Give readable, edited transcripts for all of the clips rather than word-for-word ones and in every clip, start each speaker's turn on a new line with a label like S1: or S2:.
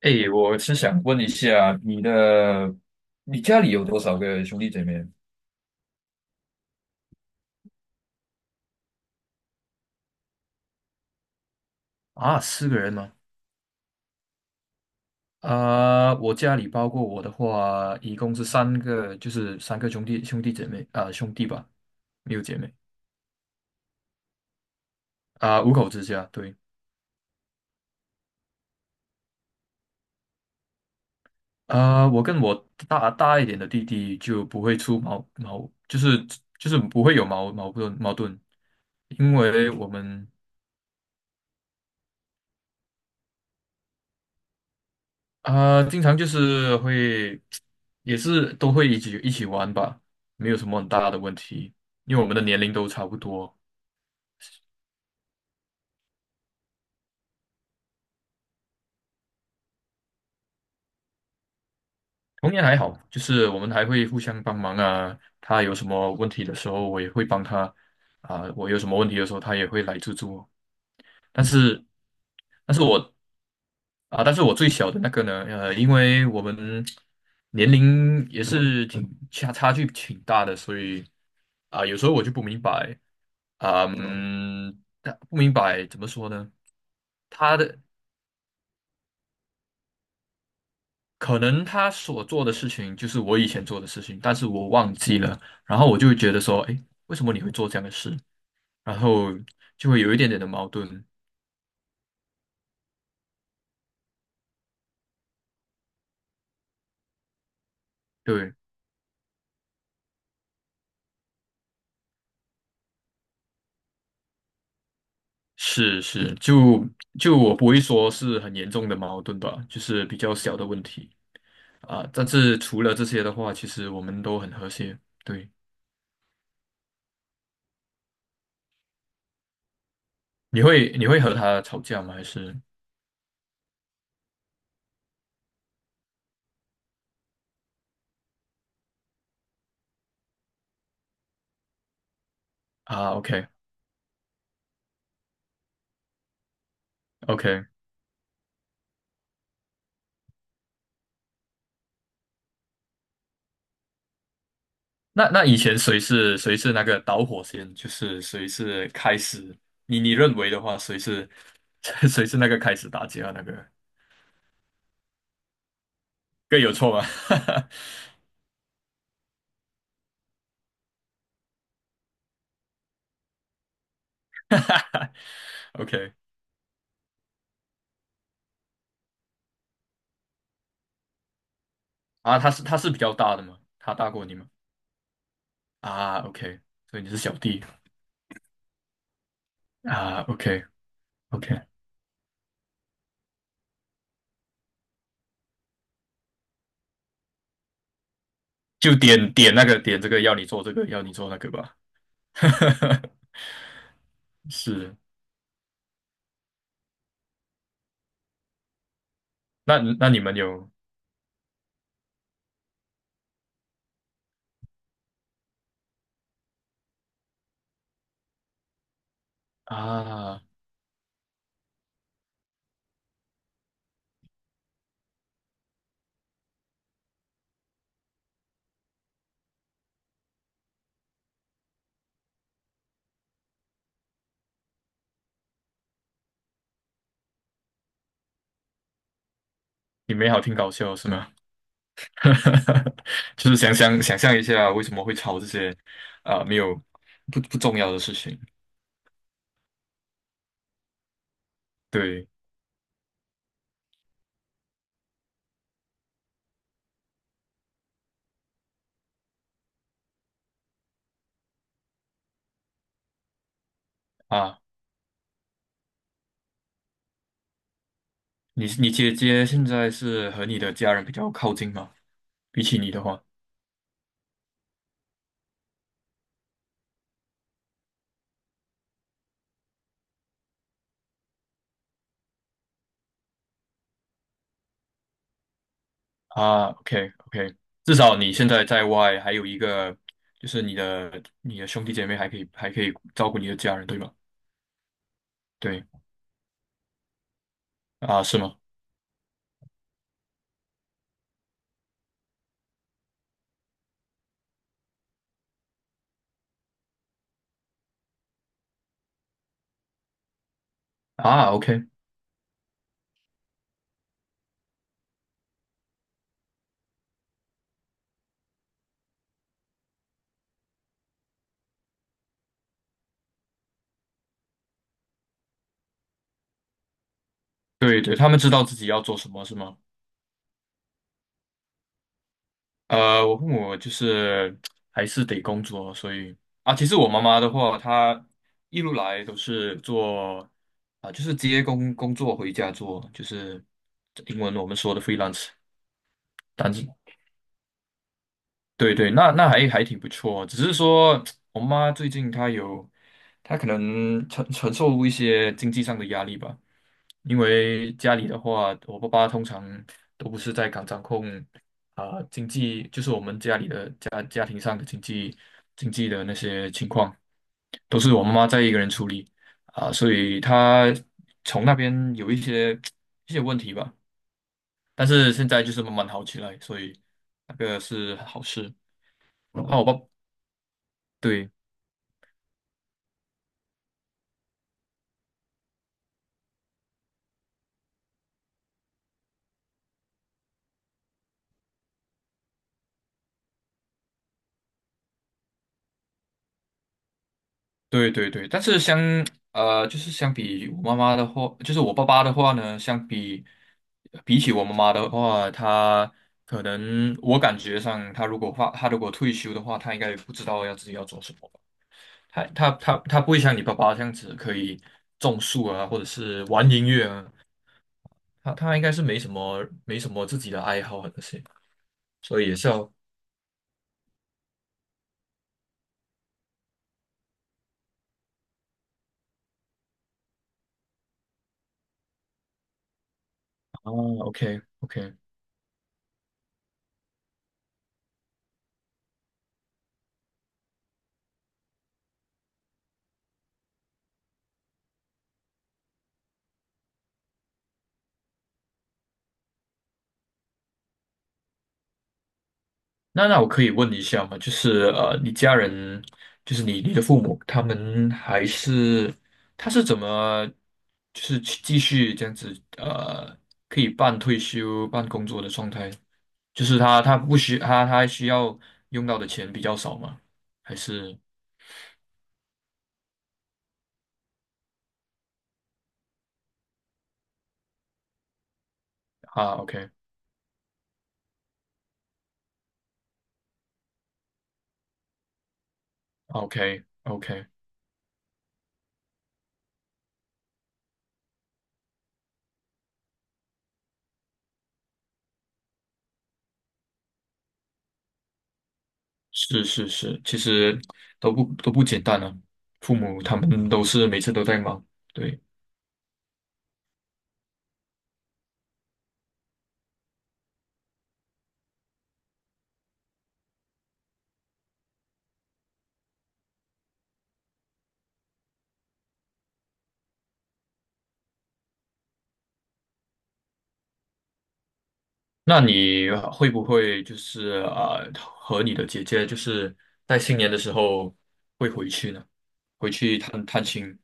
S1: 哎，我是想问一下，你家里有多少个兄弟姐妹？啊，4个人吗？我家里包括我的话，一共是三个，就是三个兄弟姐妹啊、兄弟吧，没有姐妹。五口之家。对。我跟我大一点的弟弟就不会出矛矛，就是不会有矛盾，因为我们。经常就是会，也是都会一起玩吧，没有什么很大的问题，因为我们的年龄都差不多。童年还好，就是我们还会互相帮忙啊。他有什么问题的时候，我也会帮他啊、我有什么问题的时候，他也会来助我。但是，但是我但是我最小的那个呢，因为我们年龄也是差距挺大的，所以有时候我就不明白。啊，但不明白怎么说呢？他的可能他所做的事情就是我以前做的事情，但是我忘记了，然后我就会觉得说，哎，为什么你会做这样的事？然后就会有一点点的矛盾。对。是是，就我不会说是很严重的矛盾吧，就是比较小的问题啊。但是除了这些的话，其实我们都很和谐。对。你会和他吵架吗？还是啊？OK OK。那以前谁是那个导火线？就是谁是开始？你认为的话，谁是 谁是那个开始打架那个？各有错吗 ？OK。 啊，他是比较大的吗？他大过你吗？啊，OK。所以你是小弟啊，OK OK。就点点那个点这个要你做这个要你做那个吧。是。那你们有啊？你没好听搞笑是吗？就是想象一下为什么会吵这些啊、没有不重要的事情。对啊，你姐姐现在是和你的家人比较靠近吗？比起你的话啊，OK OK。至少你现在在外还有一个，就是你的兄弟姐妹还可以照顾你的家人，对吗？对啊，是吗？啊，OK。对对，他们知道自己要做什么是吗？我父母就是还是得工作，所以啊，其实我妈妈的话，她一路来都是做啊，就是接工作回家做，就是英文我们说的 freelance，但是对对。那还挺不错哦。只是说 我妈最近她可能承受一些经济上的压力吧，因为家里的话，我爸爸通常都不是在港掌控啊、经济，就是我们家里的家庭上的经济的那些情况，都是我妈妈在一个人处理啊、所以她从那边有一些 一些问题吧。但是现在就是慢慢好起来，所以那个是好事。哦，对对对对。但是就是相比我妈妈的话，就是我爸爸的话呢，比起我妈妈的话，他可能我感觉上，他如果退休的话，他应该也不知道要自己要做什么吧。他不会像你爸爸这样子可以种树啊，或者是玩音乐啊。他应该是没什么自己的爱好啊那些，所以也是要啊，OK OK。那我可以问一下吗？就是你家人，就是你的父母，他们还是他是怎么，就是去继续这样子可以半退休半工作的状态？就是他他不需他他需要用到的钱比较少吗？还是啊？OK OK OK。是是是，其实都不简单啊，父母他们都是每次都在忙，对。那你会不会就是和你的姐姐就是在新年的时候会回去呢？回去探亲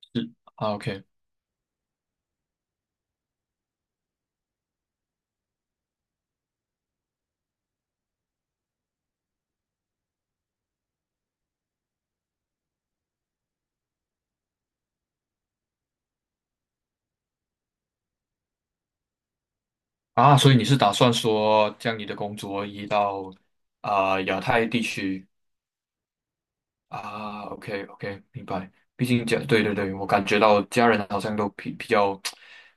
S1: 是啊，OK。 啊，所以你是打算说将你的工作移到啊、亚太地区啊？OK OK，明白。毕竟对对对，我感觉到家人好像都比比较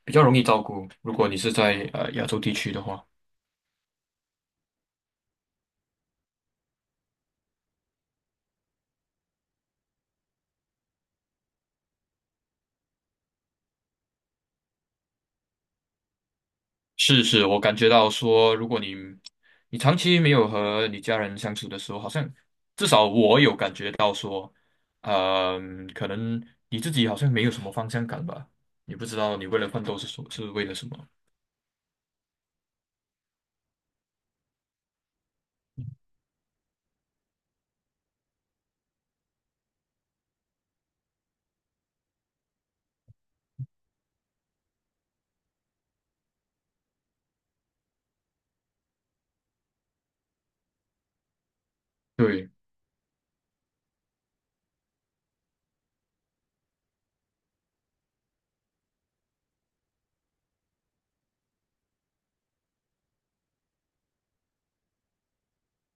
S1: 比较容易照顾，如果你是在亚洲地区的话。是是，我感觉到说，如果你长期没有和你家人相处的时候，好像至少我有感觉到说，可能你自己好像没有什么方向感吧，你不知道你为了奋斗是为了什么。对。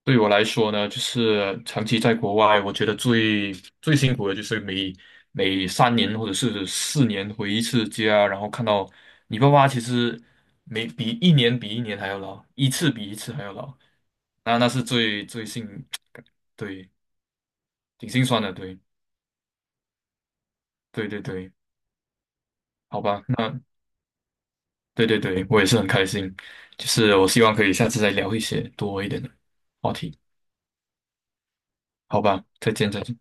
S1: 对我来说呢，就是长期在国外，我觉得最辛苦的就是每3年或者是4年回一次家，然后看到你爸爸其实比一年比一年还要老，一次比一次还要老。那那是最最心，对，挺心酸的，对，对对对，好吧。那对对对，我也是很开心，就是我希望可以下次再聊一些多一点的话题，好吧，再见再见。